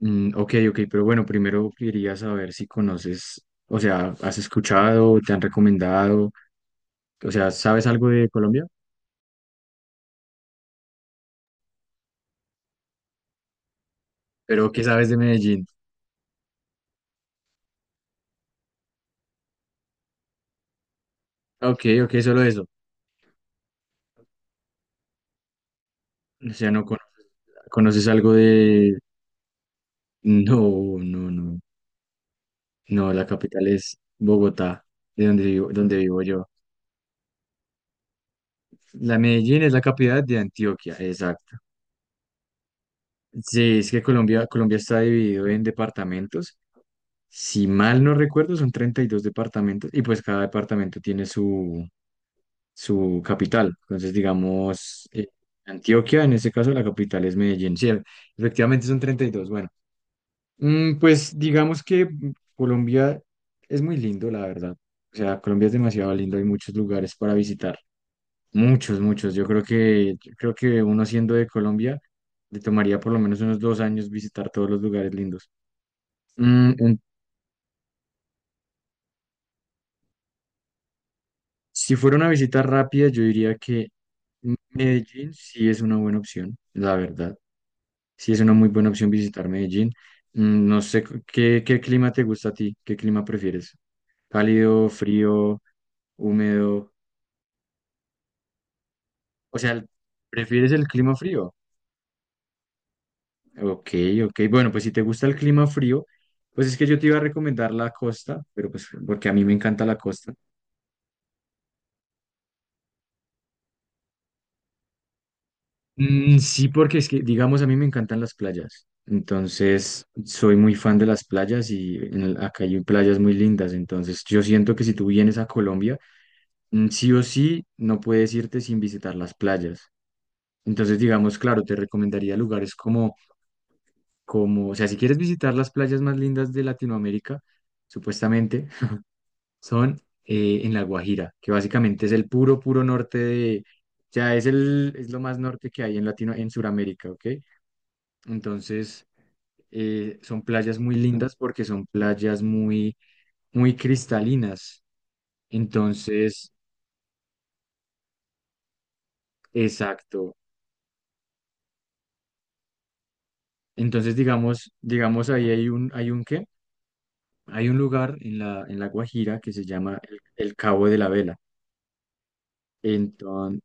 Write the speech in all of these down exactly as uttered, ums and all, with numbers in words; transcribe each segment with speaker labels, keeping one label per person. Speaker 1: Mm, ok, ok, pero bueno, primero quería saber si conoces, o sea, has escuchado, te han recomendado, o sea, ¿sabes algo de Colombia? Pero ¿qué sabes de Medellín? Ok, ok, solo eso. O sea, no cono- conoces algo de. No, no, no. No, la capital es Bogotá, de donde vivo, donde vivo yo. La Medellín es la capital de Antioquia, exacto. Sí, es que Colombia, Colombia está dividido en departamentos. Si mal no recuerdo, son treinta y dos departamentos y pues cada departamento tiene su, su capital. Entonces, digamos, eh, Antioquia, en ese caso, la capital es Medellín. Sí, efectivamente son treinta y dos. Bueno, mm, pues digamos que mm, Colombia es muy lindo, la verdad. O sea, Colombia es demasiado lindo, hay muchos lugares para visitar. Muchos, muchos. Yo creo que, yo creo que uno siendo de Colombia, le tomaría por lo menos unos dos años visitar todos los lugares lindos. Mm, Si fuera una visita rápida, yo diría que Medellín sí es una buena opción, la verdad. Sí es una muy buena opción visitar Medellín. Mm, No sé cu- qué, qué clima te gusta a ti, qué clima prefieres. Cálido, frío, húmedo. O sea, el- ¿prefieres el clima frío? Ok, ok. Bueno, pues si te gusta el clima frío, pues es que yo te iba a recomendar la costa, pero pues porque a mí me encanta la costa. Mm, sí, porque es que, digamos, a mí me encantan las playas. Entonces, soy muy fan de las playas y en el- acá hay playas muy lindas. Entonces, yo siento que si tú vienes a Colombia, mm, sí o sí, no puedes irte sin visitar las playas. Entonces, digamos, claro, te recomendaría lugares como, como, o sea, si quieres visitar las playas más lindas de Latinoamérica, supuestamente, son eh, en La Guajira, que básicamente es el puro, puro norte de, o sea, es el, es lo más norte que hay en Latino, en Sudamérica, ¿ok? Entonces, eh, son playas muy lindas porque son playas muy, muy cristalinas. Entonces, exacto. Entonces, digamos, digamos, ahí hay un, hay un qué, hay un lugar en la, en la Guajira que se llama el, el Cabo de la Vela. Entonces,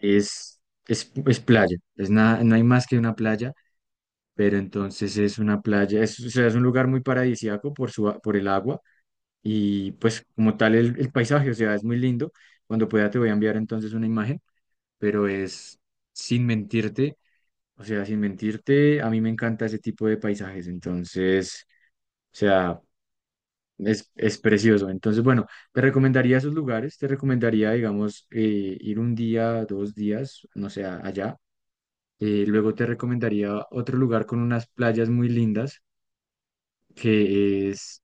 Speaker 1: es, es, es playa. Es nada, no hay más que una playa, pero entonces es una playa, es, o sea, es un lugar muy paradisíaco por su, a- por el agua. Y pues como tal el, el paisaje, o sea, es muy lindo. Cuando pueda te voy a enviar entonces una imagen, pero es sin mentirte, o sea, sin mentirte, a mí me encanta ese tipo de paisajes, entonces, o sea, es, es precioso. Entonces, bueno, te recomendaría esos lugares, te recomendaría, digamos, eh, ir un día, dos días, no sé, a- allá. Eh, luego te recomendaría otro lugar con unas playas muy lindas, que es,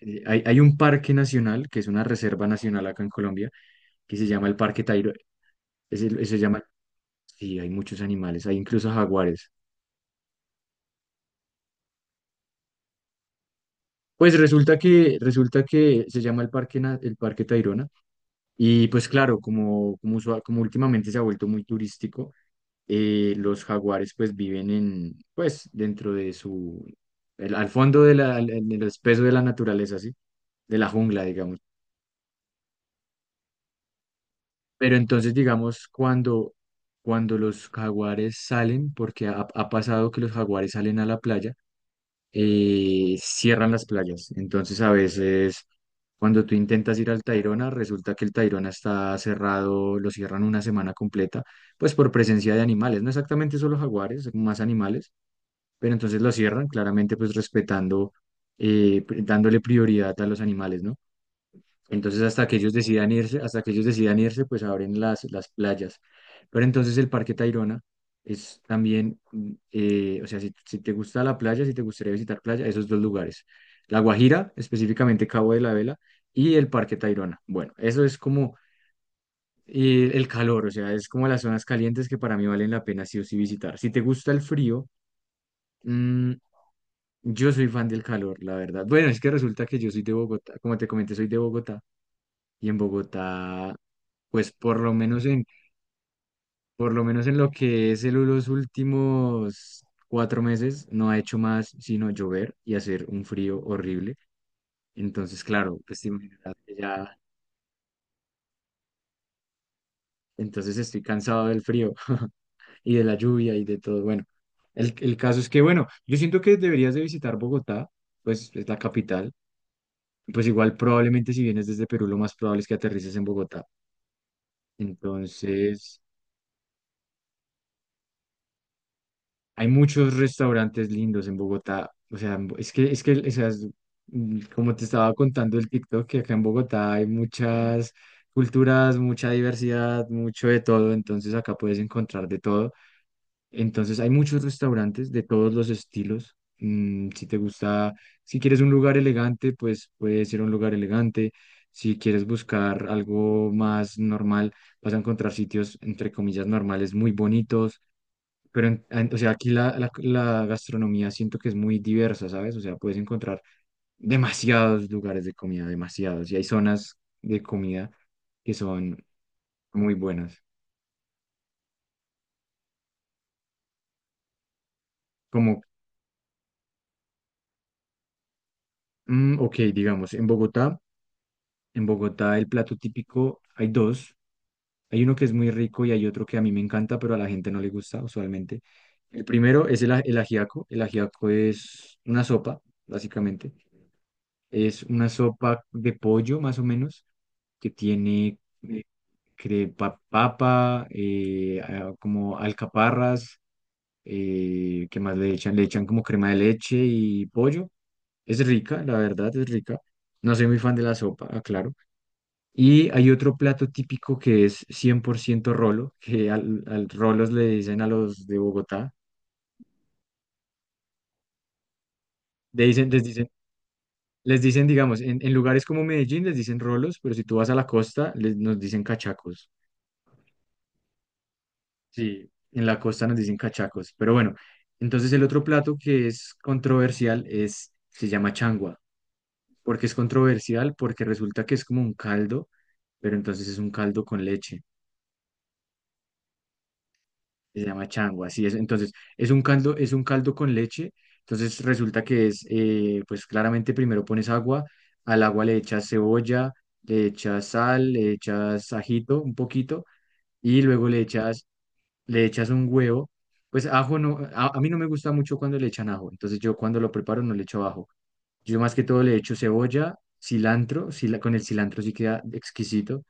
Speaker 1: eh, hay, hay un parque nacional, que es una reserva nacional acá en Colombia que se llama el Parque Tayrona. se llama, sí, hay muchos animales, hay incluso jaguares. Pues resulta que, resulta que se llama el Parque, Na- el Parque Tayrona, y pues claro, como, como, usua- como últimamente se ha vuelto muy turístico, eh, los jaguares pues viven en, pues dentro de su, el- al fondo de la, al- en el espeso de la naturaleza, ¿sí? De la jungla, digamos. Pero entonces, digamos, cuando, cuando los jaguares salen, porque ha ha pasado que los jaguares salen a la playa, eh, cierran las playas. Entonces, a veces, cuando tú intentas ir al Tayrona, resulta que el Tayrona está cerrado, lo cierran una semana completa, pues por presencia de animales. No exactamente solo jaguares, más animales, pero entonces lo cierran, claramente, pues respetando, eh, pri- dándole prioridad a los animales, ¿no? Entonces, hasta que ellos decidan irse, hasta que ellos decidan irse, pues abren las, las playas. Pero entonces el Parque Tayrona es también, mm, eh, o sea, si, si te gusta la playa, si te gustaría visitar playa, esos dos lugares. La Guajira, específicamente Cabo de la Vela, y el Parque Tayrona. Bueno, eso es como eh, el calor, o sea, es como las zonas calientes que para mí valen la pena sí o sí visitar. Si te gusta el frío, mm, yo soy fan del calor, la verdad. Bueno, es que resulta que yo soy de Bogotá, como te comenté, soy de Bogotá y en Bogotá, pues por lo menos en, por lo menos en, lo que es el, los últimos cuatro meses, no ha hecho más sino llover y hacer un frío horrible. Entonces, claro, pues te imaginarás que ya, entonces estoy cansado del frío y de la lluvia y de todo. Bueno, el, el caso es que, bueno, yo siento que deberías de visitar Bogotá, pues es la capital. Pues igual probablemente si vienes desde Perú, lo más probable es que aterrices en Bogotá. Entonces, hay muchos restaurantes lindos en Bogotá. O sea, en Bo- es que, es que, o sea, es- mm, como te estaba contando el TikTok, que acá en Bogotá hay muchas culturas, mucha diversidad, mucho de todo. Entonces acá puedes encontrar de todo. Entonces hay muchos restaurantes de todos los estilos. Mm, si te gusta, si quieres un lugar elegante, pues puede ser un lugar elegante. Si quieres buscar algo más normal, vas a encontrar sitios, entre comillas, normales muy bonitos, pero, en- en- o sea, aquí la, la- la gastronomía siento que es muy diversa, ¿sabes? O sea, puedes encontrar demasiados lugares de comida, demasiados. Y hay zonas de comida que son muy buenas. Como, mm, ok, digamos, en Bogotá, en Bogotá el plato típico hay dos. Hay uno que es muy rico y hay otro que a mí me encanta, pero a la gente no le gusta usualmente. El primero es el, a- el ajiaco. El ajiaco es una sopa, básicamente. Es una sopa de pollo, más o menos, que tiene eh, cre- pa- papa, eh, ah, como alcaparras, eh, ¿qué más le echan? Le echan como crema de leche y pollo. Es rica, la verdad, es rica. No soy muy fan de la sopa, aclaro. Y hay otro plato típico que es cien por ciento rolo, que al, al rolos le dicen a los de Bogotá, le dicen, les dicen, les dicen, digamos, en, en lugares como Medellín les dicen rolos, pero si tú vas a la costa, les, nos dicen cachacos. Sí, en la costa nos dicen cachacos, pero bueno, entonces el otro plato que es controversial es, se llama changua. ¿Por qué es controversial? Porque resulta que es como un caldo, pero entonces es un caldo con leche. Se llama changua, así es. Entonces, es un caldo, es un caldo con leche. Entonces resulta que es, eh, pues claramente primero pones agua, al agua le echas cebolla, le echas sal, le echas ajito un poquito, y luego le echas le echas un huevo. Pues ajo no, a, a mí no me gusta mucho cuando le echan ajo, entonces yo cuando lo preparo no le echo ajo. Yo más que todo le echo cebolla, cilantro, cila- con el cilantro sí queda exquisito.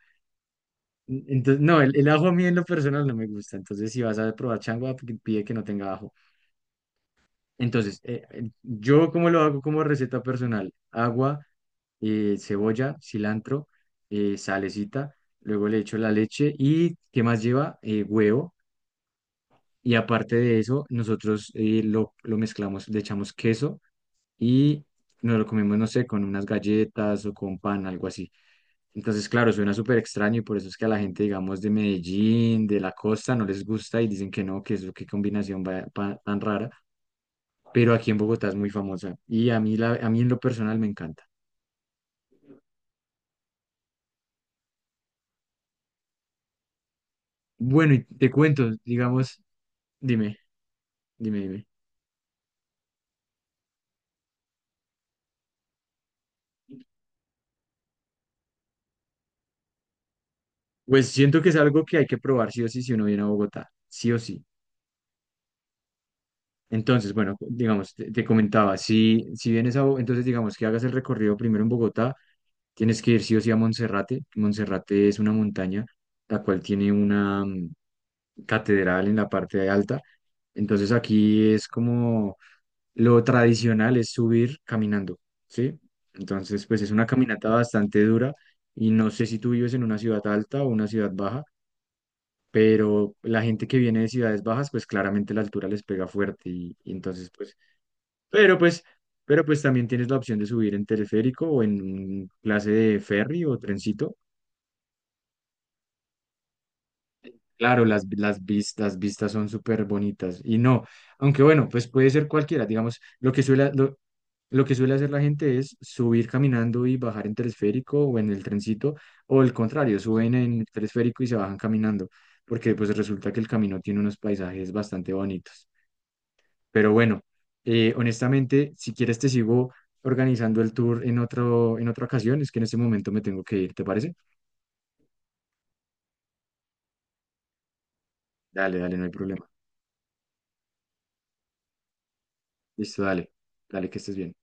Speaker 1: En- Entonces, no, el, el ajo a mí en lo personal no me gusta, entonces si vas a probar changua, pi- pide que no tenga ajo. Entonces, eh, eh, yo como lo hago como receta personal, agua, eh, cebolla, cilantro, eh, salecita, luego le echo la leche y ¿qué más lleva? Eh, huevo. Y aparte de eso, nosotros eh, lo, lo mezclamos, le echamos queso y nos lo comemos, no sé, con unas galletas o con pan, algo así. Entonces, claro, suena súper extraño y por eso es que a la gente, digamos, de Medellín, de la costa, no les gusta y dicen que no, que es qué combinación va- pa- tan rara. Pero aquí en Bogotá es muy famosa y a mí, la, a mí en lo personal me encanta. Bueno, y te cuento, digamos, dime, dime, dime. Pues siento que es algo que hay que probar sí o sí si uno viene a Bogotá, sí o sí. Entonces, bueno, digamos, te, te comentaba, si, si vienes a, Bo- entonces digamos que hagas el recorrido primero en Bogotá, tienes que ir sí o sí a Monserrate. Monserrate es una montaña, la cual tiene una mm, catedral en la parte de alta. Entonces aquí es como lo tradicional es subir caminando, ¿sí? Entonces, pues es una caminata bastante dura y no sé si tú vives en una ciudad alta o una ciudad baja, pero la gente que viene de ciudades bajas, pues claramente la altura les pega fuerte y, y entonces, pues pero pues, pero pues también tienes la opción de subir en teleférico o en un clase de ferry o trencito. Claro, las, las vistas, vistas son súper bonitas. Y no, aunque bueno, pues puede ser cualquiera. Digamos, lo que suele, lo, lo que suele hacer la gente es subir caminando y bajar en teleférico o en el trencito, o el contrario, suben en el teleférico y se bajan caminando, porque pues resulta que el camino tiene unos paisajes bastante bonitos. Pero bueno, eh, honestamente, si quieres te sigo organizando el tour en otro, en otra ocasión. Es que en este momento me tengo que ir, ¿te parece? Dale, dale, no hay problema. Listo, dale. Dale, que estés bien.